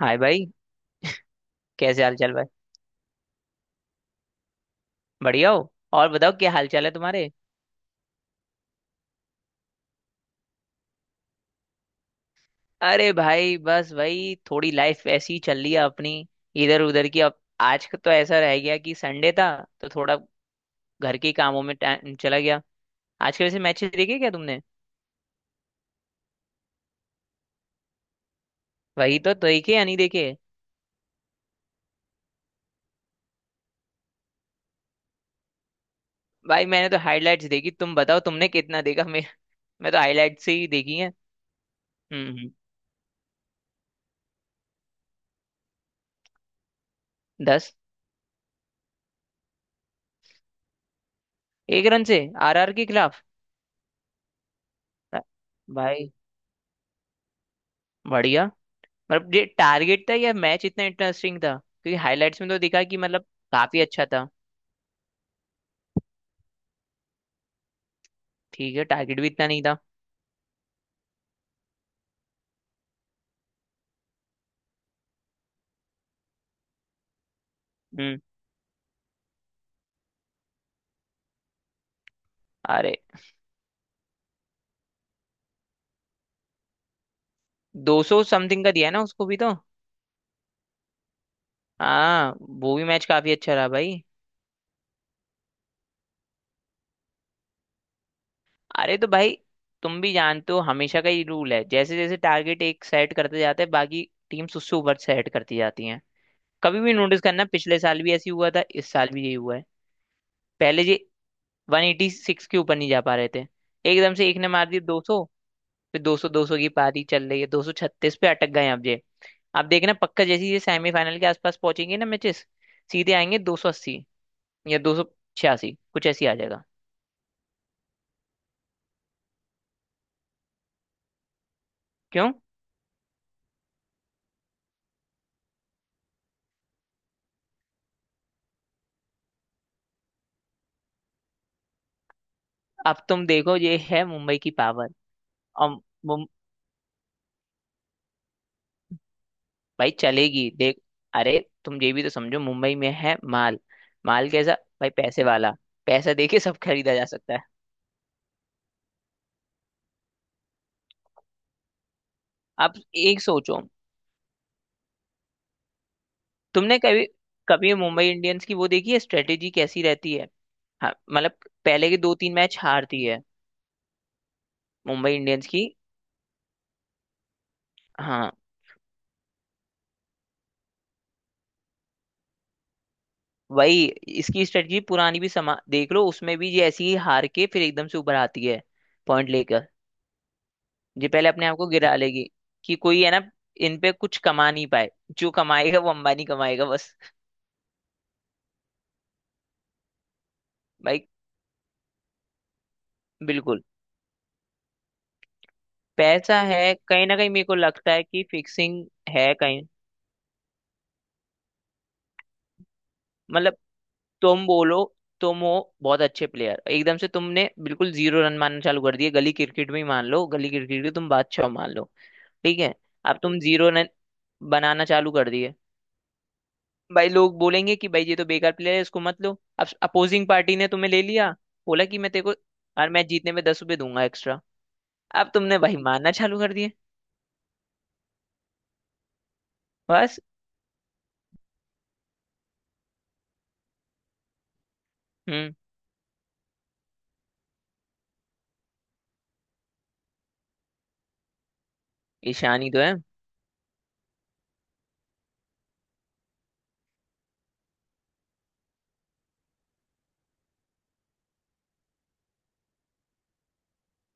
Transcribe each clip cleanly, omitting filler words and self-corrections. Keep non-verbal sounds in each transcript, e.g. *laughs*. हाय भाई। कैसे हाल चाल भाई। बढ़िया हो और बताओ क्या हाल चाल है तुम्हारे। अरे भाई बस भाई थोड़ी लाइफ ऐसी ही चल रही है अपनी। इधर उधर की अब आज का तो ऐसा रह गया कि संडे था तो थोड़ा घर के कामों में टाइम चला गया। आज के वैसे मैचेस देखे क्या तुमने। वही तो देखे या नहीं देखे। भाई मैंने तो हाईलाइट्स देखी, तुम बताओ तुमने कितना देखा। मैं तो हाईलाइट से ही देखी है। हम्म हम्म। दस। एक रन से। आरआर के खिलाफ। अ- भाई बढ़िया। मतलब ये टारगेट था या मैच इतना इंटरेस्टिंग था, क्योंकि हाईलाइट्स में तो दिखा कि मतलब काफी अच्छा था। ठीक है, टारगेट भी इतना नहीं था। हम्म। अरे दो सौ समथिंग का दिया है ना उसको भी तो। हाँ, वो भी मैच काफी अच्छा रहा भाई। अरे तो भाई तुम भी जानते हो, हमेशा का ही रूल है, जैसे जैसे टारगेट एक सेट करते जाते हैं बाकी टीम्स उससे ऊपर सेट करती जाती हैं। कभी भी नोटिस करना, पिछले साल भी ऐसी हुआ था, इस साल भी यही हुआ है। पहले ये 186 के ऊपर नहीं जा पा रहे थे, एकदम से एक ने मार दिया दो सौ। फिर 200 200 की पारी चल रही है, 236 पे अटक गए हैं अब ये। आप देखना पक्का, जैसे ही ये सेमीफाइनल के आसपास पहुंचेंगे ना मैचेस, सीधे आएंगे 280 या 286 कुछ ऐसी आ जाएगा। क्यों। अब तुम देखो, ये है मुंबई की पावर। और मुं- भाई चलेगी देख। अरे तुम ये भी तो समझो, मुंबई में है माल। माल कैसा। भाई पैसे वाला। पैसा देके सब खरीदा जा सकता है। अब एक सोचो, तुमने कभी कभी मुंबई इंडियंस की वो देखी है स्ट्रेटेजी कैसी रहती है। हाँ मतलब पहले के दो तीन मैच हारती है मुंबई इंडियंस की। हाँ। वही, इसकी स्ट्रेटजी पुरानी भी समा देख लो, उसमें भी ये ऐसी ही हार के फिर एकदम से ऊपर आती है, पॉइंट लेकर। ये पहले अपने आप को गिरा लेगी कि कोई है ना, इन पे कुछ कमा नहीं पाए। जो कमाएगा वो अंबानी कमाएगा बस। भाई बिल्कुल। पैसा है कहीं ना कहीं, मेरे को लगता है कि फिक्सिंग है कहीं। मतलब तुम बोलो, तुम हो बहुत अच्छे प्लेयर, एकदम से तुमने बिल्कुल जीरो रन मारना चालू कर दिए, गली क्रिकेट में ही मान लो, गली क्रिकेट के तुम बादशाह मान लो। ठीक है। अब तुम जीरो रन बनाना चालू कर दिए, भाई लोग बोलेंगे कि भाई ये तो बेकार प्लेयर है, इसको मत लो। अब अपोजिंग पार्टी ने तुम्हें ले लिया। बोला कि मैं तेरे को हर मैच जीतने में 10 रुपये दूंगा एक्स्ट्रा। अब तुमने भाई मारना चालू कर दिए। बस। हम्म। ईशान ही तो है।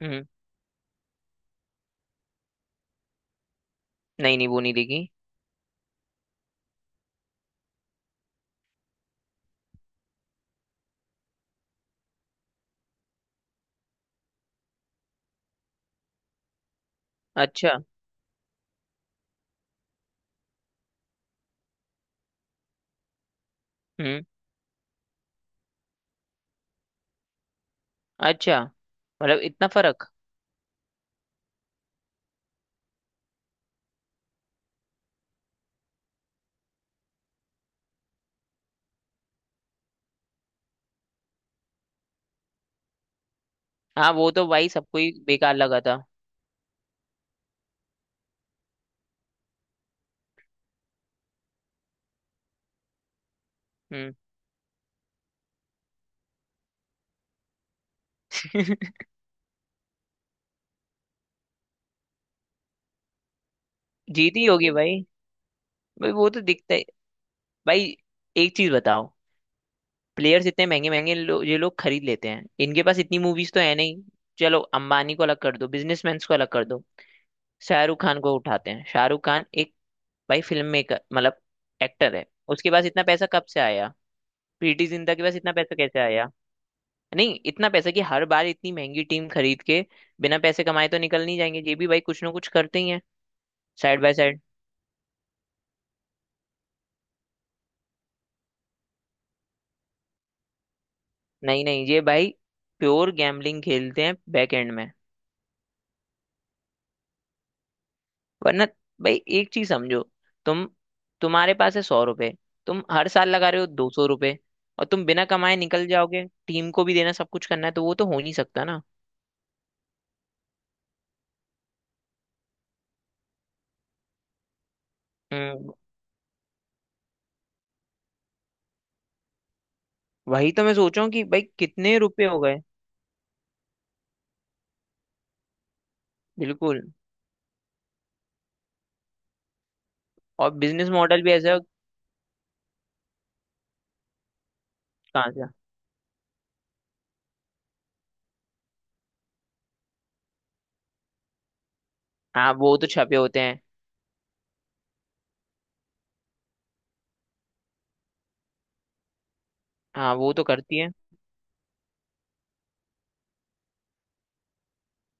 हम्म। नहीं नहीं, वो नहीं देखी। अच्छा। हम्म। अच्छा। मतलब इतना फर्क। हाँ, वो तो भाई सबको ही बेकार लगा था। हम्म। *laughs* जीती होगी भाई। भाई वो तो दिखता है। भाई एक चीज बताओ, प्लेयर्स इतने महंगे महंगे लो, ये लोग खरीद लेते हैं, इनके पास इतनी मूवीज तो है नहीं। चलो अंबानी को अलग कर दो, बिजनेसमैन को अलग कर दो। शाहरुख खान को उठाते हैं, शाहरुख खान एक भाई फिल्म मेकर मतलब एक्टर है। उसके पास इतना पैसा कब से आया। प्रीति जिंटा के पास इतना पैसा कैसे आया। नहीं इतना पैसा कि हर बार इतनी महंगी टीम खरीद के बिना पैसे कमाए तो निकल नहीं जाएंगे, ये भी भाई कुछ ना कुछ करते ही हैं। Side by side. नहीं नहीं ये भाई प्योर गैम्बलिंग खेलते हैं बैक एंड में। वरना भाई एक चीज समझो। तुम तुम्हारे पास है 100 रुपए। तुम हर साल लगा रहे हो 200 रुपए। और तुम बिना कमाए निकल जाओगे, टीम को भी देना, सब कुछ करना है तो वो तो हो नहीं सकता ना। हम्म। वही तो मैं सोच रहा हूँ कि भाई कितने रुपए हो गए। बिल्कुल। और बिजनेस मॉडल भी ऐसा है। कहाँ से। हाँ वो तो छपे होते हैं। हाँ वो तो करती है।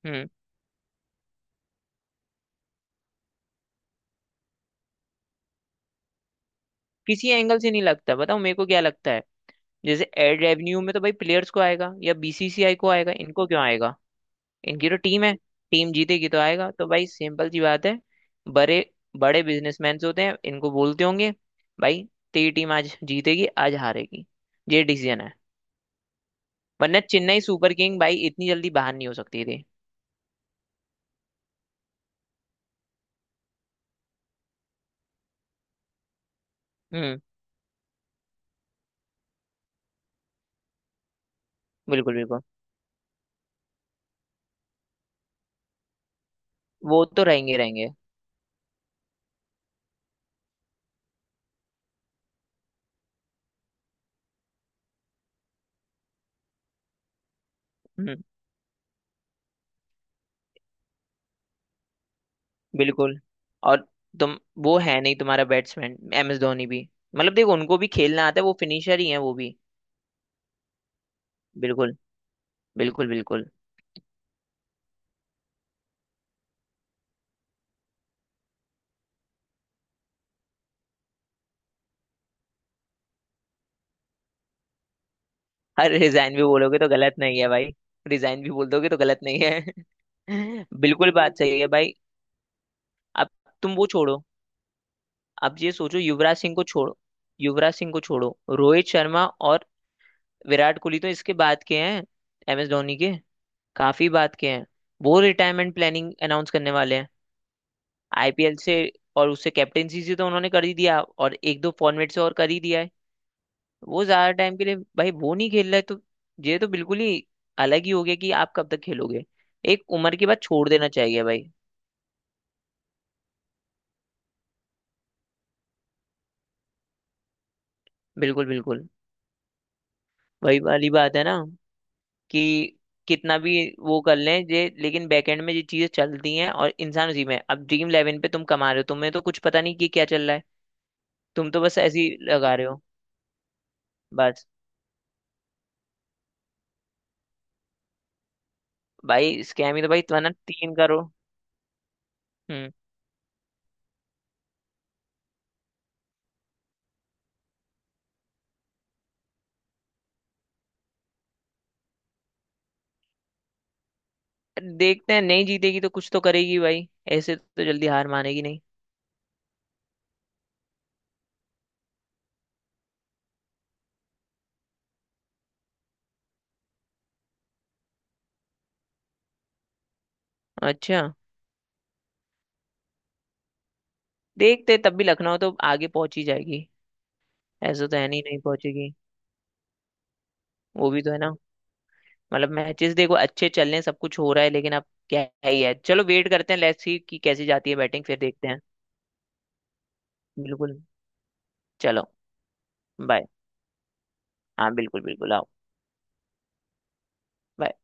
हम्म। किसी एंगल से नहीं लगता, बताओ मेरे को क्या लगता है। जैसे एड रेवेन्यू में तो भाई प्लेयर्स को आएगा या बीसीसीआई को आएगा, इनको क्यों आएगा। इनकी तो टीम है, टीम जीतेगी तो आएगा, तो भाई सिंपल सी बात है। बड़े बड़े बिजनेसमैन होते हैं, इनको बोलते होंगे भाई तेरी टीम आज जीतेगी, आज हारेगी, ये डिसीजन है। वरना चेन्नई सुपर किंग भाई इतनी जल्दी बाहर नहीं हो सकती थी। हम्म। बिल्कुल बिल्कुल। वो तो रहेंगे रहेंगे। हम्म। बिल्कुल। और तुम वो है नहीं तुम्हारा बैट्समैन, एम एस धोनी भी मतलब देखो उनको भी खेलना आता है, वो फिनिशर ही है वो भी। बिल्कुल। बिल्कुल बिल्कुल। अरे रिजाइन भी बोलोगे तो गलत नहीं है भाई। रिजाइन भी बोल दोगे तो गलत नहीं है। *laughs* बिल्कुल बात सही है भाई। अब तुम वो छोड़ो। अब ये सोचो, युवराज सिंह को छोड़ो, युवराज सिंह को छोड़ो, रोहित शर्मा और विराट कोहली तो इसके बाद के हैं, एम एस धोनी के काफी बाद के हैं। वो रिटायरमेंट प्लानिंग अनाउंस करने वाले हैं आईपीएल से। और उससे कैप्टेंसी से तो उन्होंने कर ही दिया, और एक दो फॉर्मेट से और कर ही दिया है। वो ज्यादा टाइम के लिए भाई वो नहीं खेल रहा है तो ये तो बिल्कुल ही अलग ही हो गया कि आप कब तक खेलोगे। एक उम्र के बाद छोड़ देना चाहिए भाई। बिल्कुल बिल्कुल। वही वाली बात है ना कि कितना भी वो कर लें ये, लेकिन बैकएंड में ये चीजें चलती हैं और इंसान उसी में है। अब ड्रीम इलेवन पे तुम कमा रहे हो, तुम्हें तो कुछ पता नहीं कि क्या चल रहा है। तुम तो बस ऐसे ही लगा रहे हो बस। भाई स्कैम ही तो, भाई तुम्हारा तीन करो। हम्म। देखते हैं, नहीं जीतेगी तो कुछ तो करेगी भाई, ऐसे तो जल्दी हार मानेगी नहीं। अच्छा। देखते तब भी लखनऊ तो आगे पहुंच ही जाएगी। ऐसा तो है नहीं नहीं पहुंचेगी। वो भी तो है ना। मतलब मैचेस देखो अच्छे चल रहे हैं, सब कुछ हो रहा है, लेकिन अब क्या ही है, चलो वेट करते हैं, लेट्स सी कि कैसी जाती है बैटिंग फिर देखते हैं। बिल्कुल। चलो। बाय। हाँ बिल्कुल बिल्कुल आओ। bye.